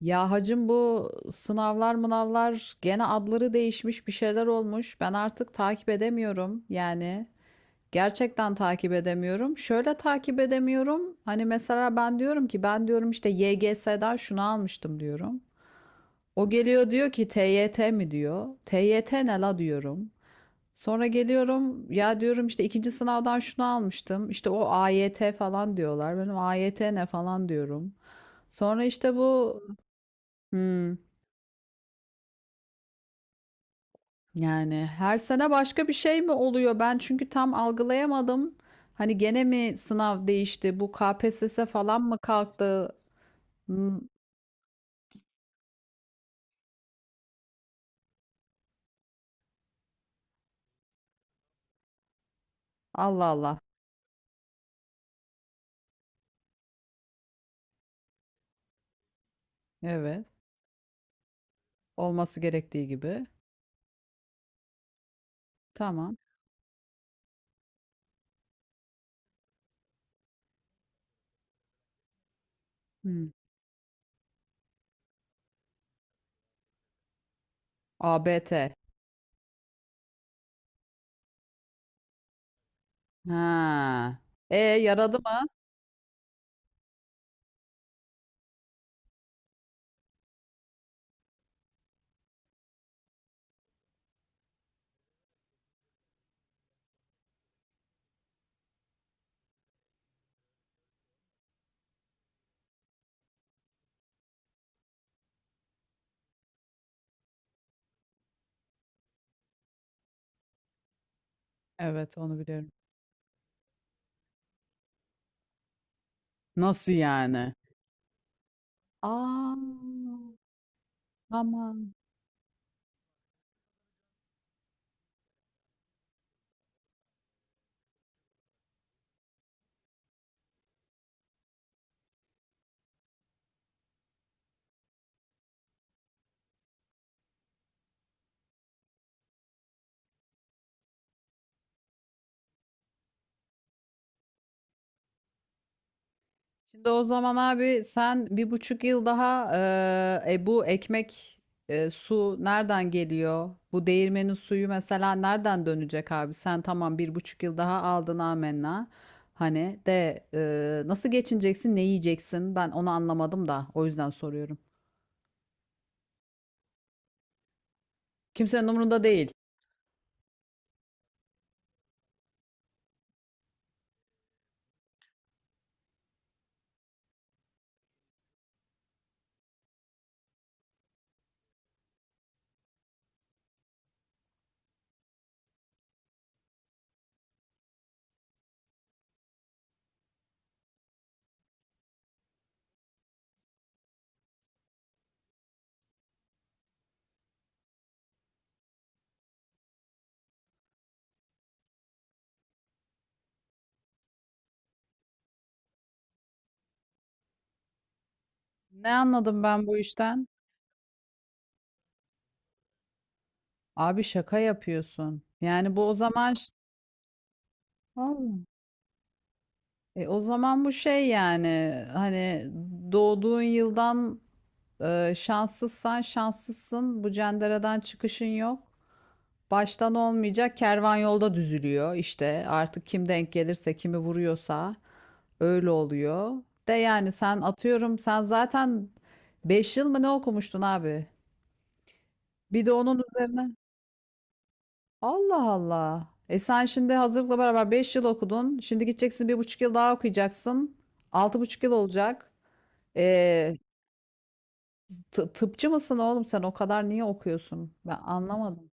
Ya hacım bu sınavlar mınavlar gene adları değişmiş bir şeyler olmuş. Ben artık takip edemiyorum yani. Gerçekten takip edemiyorum. Şöyle takip edemiyorum. Hani mesela ben diyorum ki ben diyorum işte YGS'den şunu almıştım diyorum. O geliyor diyor ki TYT mi diyor. TYT ne la diyorum. Sonra geliyorum ya diyorum işte ikinci sınavdan şunu almıştım. İşte o AYT falan diyorlar. Benim AYT ne falan diyorum. Sonra işte bu... Hmm. Yani her sene başka bir şey mi oluyor? Ben çünkü tam algılayamadım. Hani gene mi sınav değişti? Bu KPSS falan mı kalktı? Hmm, Allah Allah. Evet. Olması gerektiği gibi. Tamam. Hmm. A B T. Ha. E, yaradı mı? Evet, onu biliyorum. Nasıl yani? Aa, tamam. Şimdi o zaman abi sen 1,5 yıl daha bu ekmek su nereden geliyor? Bu değirmenin suyu mesela nereden dönecek abi? Sen tamam bir buçuk yıl daha aldın amenna. Hani de nasıl geçineceksin, ne yiyeceksin? Ben onu anlamadım da o yüzden soruyorum. Kimsenin umurunda değil. Ne anladım ben bu işten? Abi şaka yapıyorsun. Yani bu o zaman... Vallahi. E, o zaman bu şey yani hani doğduğun yıldan şanssızsan şanssızsın. Bu cenderadan çıkışın yok. Baştan olmayacak. Kervan yolda düzülüyor İşte Artık kim denk gelirse, kimi vuruyorsa öyle oluyor. De yani sen atıyorum sen zaten 5 yıl mı ne okumuştun abi? Bir de onun üzerine. Allah Allah. E, sen şimdi hazırlıkla beraber 5 yıl okudun. Şimdi gideceksin 1,5 yıl daha okuyacaksın. 6,5 yıl olacak. E, tıpçı mısın oğlum sen? O kadar niye okuyorsun? Ben anlamadım.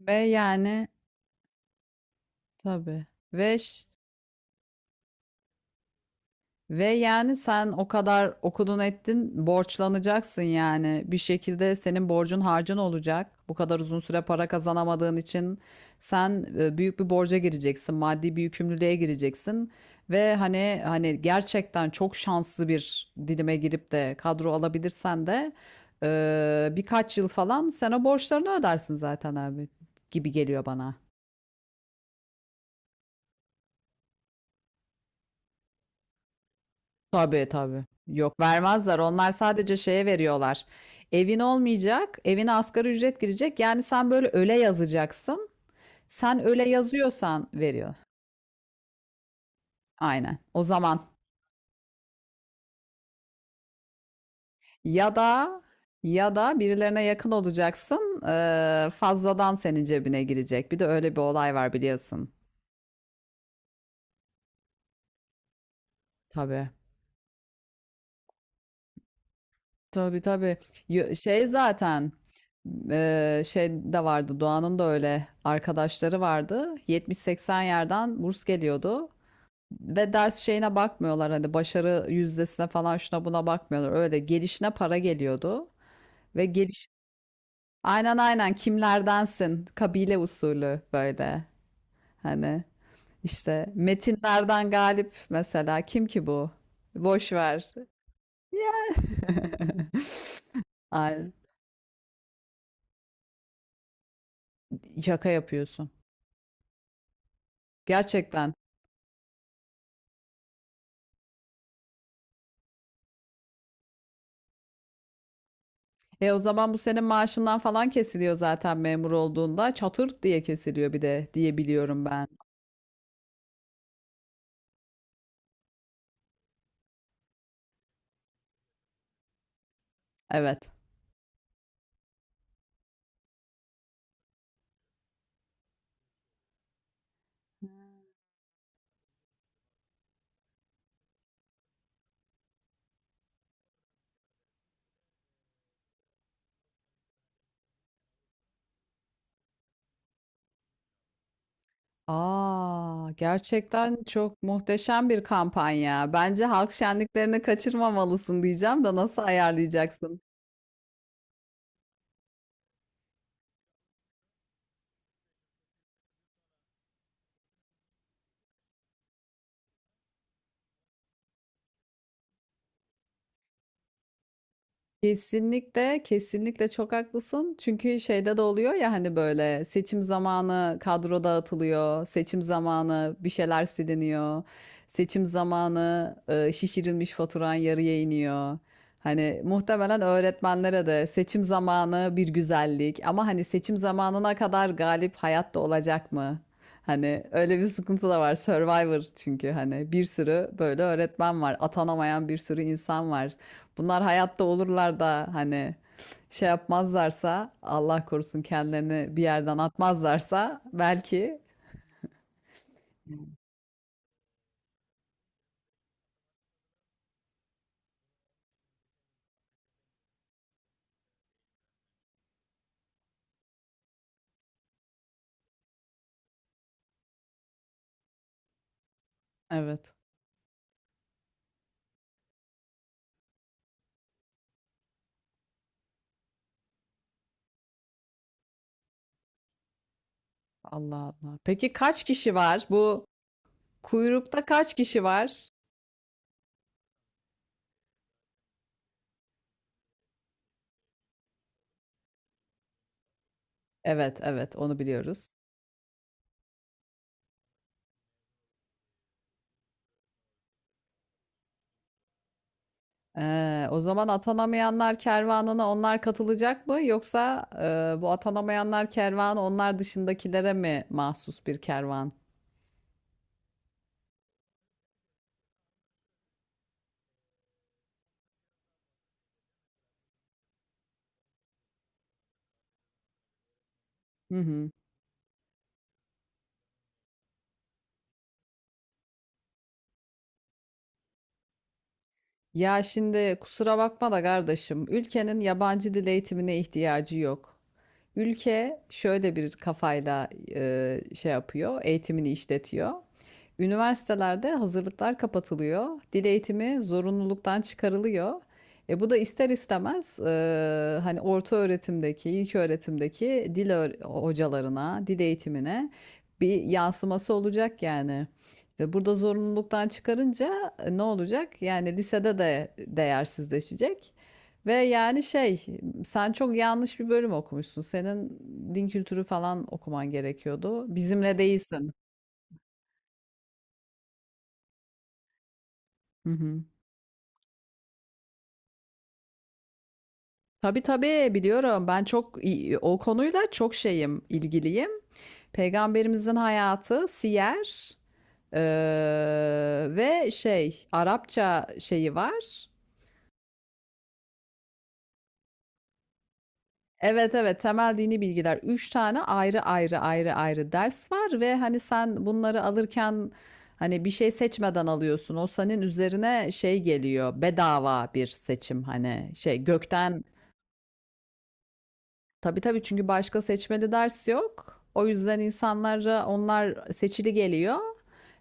Ve yani tabii. Ve ş- ve yani sen o kadar okudun ettin borçlanacaksın yani. Bir şekilde senin borcun harcın olacak. Bu kadar uzun süre para kazanamadığın için sen büyük bir borca gireceksin. Maddi bir yükümlülüğe gireceksin. Ve hani gerçekten çok şanslı bir dilime girip de kadro alabilirsen de birkaç yıl falan sen o borçlarını ödersin zaten abi gibi geliyor bana. Tabii, tabii. Yok, vermezler. Onlar sadece şeye veriyorlar. Evin olmayacak, evine asgari ücret girecek. Yani sen böyle öyle yazacaksın. Sen öyle yazıyorsan veriyor. Aynen. O zaman ya da ya da birilerine yakın olacaksın. Fazladan senin cebine girecek. Bir de öyle bir olay var biliyorsun. Tabii. Tabii, tabii. Şey zaten şey de vardı. Doğan'ın da öyle arkadaşları vardı. 70-80 yerden burs geliyordu. Ve ders şeyine bakmıyorlar hani başarı yüzdesine falan şuna buna bakmıyorlar. Öyle gelişine para geliyordu ve geliş aynen, aynen, kimlerdensin, kabile usulü böyle hani işte metinlerden Galip mesela kim ki bu? Boş ver. Ya. Ay, şaka yapıyorsun. Gerçekten. E, o zaman bu senin maaşından falan kesiliyor zaten memur olduğunda. Çatır diye kesiliyor bir de diye biliyorum ben. Evet. A! Gerçekten çok muhteşem bir kampanya. Bence halk şenliklerini kaçırmamalısın diyeceğim de nasıl ayarlayacaksın? Kesinlikle, kesinlikle çok haklısın. Çünkü şeyde de oluyor ya hani böyle seçim zamanı kadro dağıtılıyor, seçim zamanı bir şeyler siliniyor, seçim zamanı şişirilmiş faturan yarıya iniyor. Hani muhtemelen öğretmenlere de seçim zamanı bir güzellik ama hani seçim zamanına kadar Galip hayatta olacak mı? Hani öyle bir sıkıntı da var. Survivor çünkü hani bir sürü böyle öğretmen var, atanamayan bir sürü insan var. Bunlar hayatta olurlar da hani şey yapmazlarsa Allah korusun kendilerini bir yerden atmazlarsa belki. Evet. Allah Allah. Peki kaç kişi var? Bu kuyrukta kaç kişi var? Evet, evet, onu biliyoruz. O zaman atanamayanlar kervanına onlar katılacak mı yoksa bu atanamayanlar kervanı onlar dışındakilere mi mahsus bir kervan? Hı hı. Ya şimdi kusura bakma da kardeşim, ülkenin yabancı dil eğitimine ihtiyacı yok. Ülke şöyle bir kafayla şey yapıyor, eğitimini işletiyor. Üniversitelerde hazırlıklar kapatılıyor, dil eğitimi zorunluluktan çıkarılıyor. E, bu da ister istemez hani orta öğretimdeki, ilk öğretimdeki dil hocalarına, dil eğitimine bir yansıması olacak yani. İşte burada zorunluluktan çıkarınca ne olacak? Yani lisede de değersizleşecek. Ve yani şey, sen çok yanlış bir bölüm okumuşsun. Senin din kültürü falan okuman gerekiyordu. Bizimle değilsin. Hı hı. Tabii, tabii, biliyorum. Ben çok o konuyla çok şeyim, ilgiliyim. Peygamberimizin hayatı, siyer, eee, ve şey Arapça şeyi var. Evet, evet. Temel dini bilgiler. Üç tane ayrı ayrı ayrı ayrı ders var ve hani sen bunları alırken hani bir şey seçmeden alıyorsun. O senin üzerine şey geliyor. Bedava bir seçim hani şey gökten. Tabii, tabii, çünkü başka seçmeli ders yok. O yüzden insanlara onlar seçili geliyor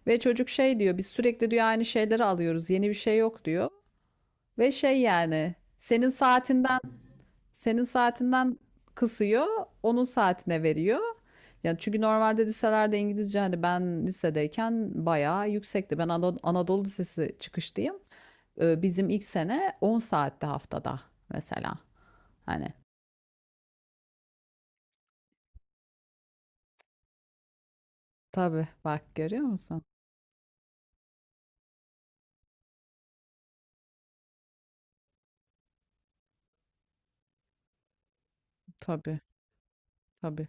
ve çocuk şey diyor biz sürekli diyor aynı şeyleri alıyoruz. Yeni bir şey yok diyor. Ve şey yani senin saatinden kısıyor, onun saatine veriyor. Yani çünkü normalde liselerde İngilizce hani ben lisedeyken bayağı yüksekti. Ben Anadolu Lisesi çıkışlıyım. Bizim ilk sene 10 saatte haftada mesela. Hani tabii bak görüyor musun? Tabii, tabii.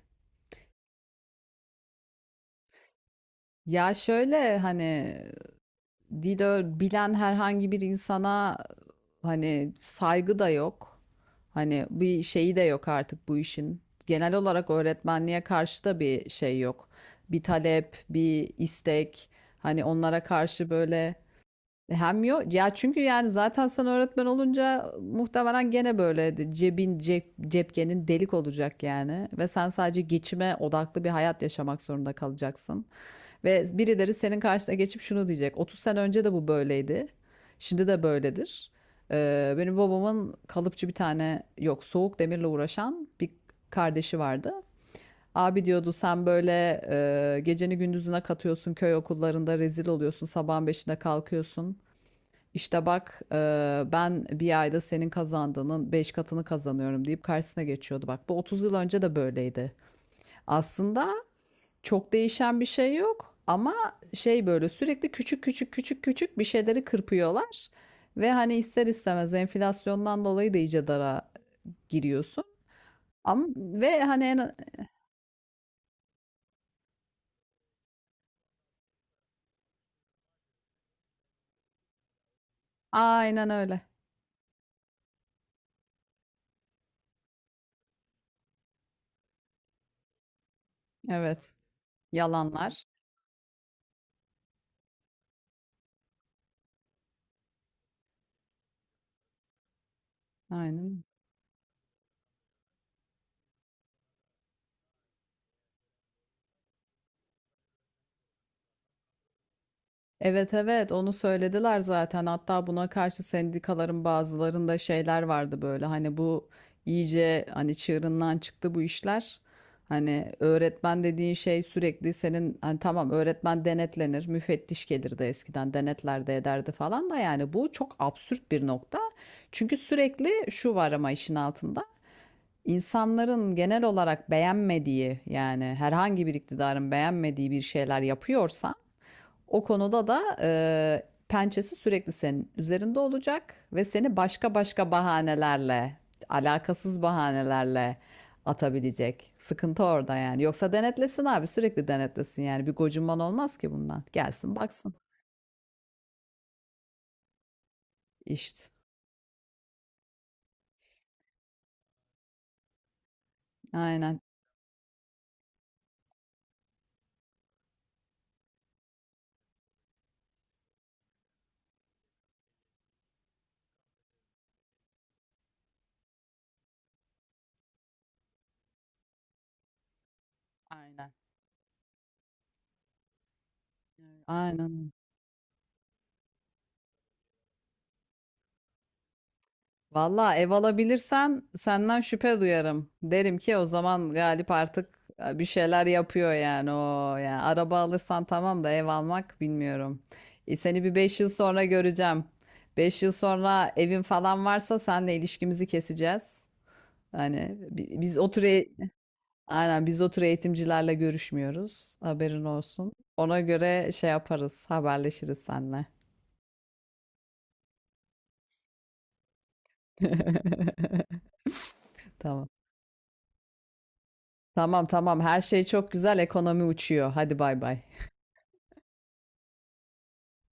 Ya şöyle hani dil bilen herhangi bir insana hani saygı da yok. Hani bir şeyi de yok artık bu işin. Genel olarak öğretmenliğe karşı da bir şey yok. Bir talep, bir istek. Hani onlara karşı böyle hem yok. Ya çünkü yani zaten sen öğretmen olunca muhtemelen gene böyle cebin cep, cepkenin delik olacak yani. Ve sen sadece geçime odaklı bir hayat yaşamak zorunda kalacaksın. Ve birileri senin karşına geçip şunu diyecek. 30 sene önce de bu böyleydi. Şimdi de böyledir. Benim babamın kalıpçı bir tane yok soğuk demirle uğraşan bir kardeşi vardı. Abi diyordu sen böyle geceni gündüzüne katıyorsun köy okullarında rezil oluyorsun sabahın beşinde kalkıyorsun. İşte bak, ben bir ayda senin kazandığının 5 katını kazanıyorum deyip karşısına geçiyordu. Bak bu 30 yıl önce de böyleydi. Aslında çok değişen bir şey yok ama şey böyle sürekli küçük küçük küçük küçük bir şeyleri kırpıyorlar. Ve hani ister istemez enflasyondan dolayı da iyice dara giriyorsun. Ama hani aynen öyle. Evet. Yalanlar. Aynen. Evet, evet, onu söylediler zaten hatta buna karşı sendikaların bazılarında şeyler vardı böyle hani bu iyice hani çığırından çıktı bu işler. Hani öğretmen dediğin şey sürekli senin hani tamam öğretmen denetlenir müfettiş gelirdi eskiden denetler de ederdi falan da yani bu çok absürt bir nokta. Çünkü sürekli şu var ama işin altında insanların genel olarak beğenmediği yani herhangi bir iktidarın beğenmediği bir şeyler yapıyorsa o konuda da pençesi sürekli senin üzerinde olacak ve seni başka başka bahanelerle, alakasız bahanelerle atabilecek. Sıkıntı orada yani. Yoksa denetlesin abi, sürekli denetlesin yani. Bir gocunman olmaz ki bundan. Gelsin baksın. İşte. Aynen. Aynen. Aynen. Valla ev alabilirsen senden şüphe duyarım. Derim ki o zaman Galip artık bir şeyler yapıyor yani o yani araba alırsan tamam da ev almak bilmiyorum. E, seni bir 5 yıl sonra göreceğim. 5 yıl sonra evin falan varsa senle ilişkimizi keseceğiz. Hani biz o tür aynen biz o tür eğitimcilerle görüşmüyoruz. Haberin olsun. Ona göre şey yaparız, haberleşiriz senle. Tamam. Tamam, tamam, her şey çok güzel, ekonomi uçuyor. Hadi bay bay.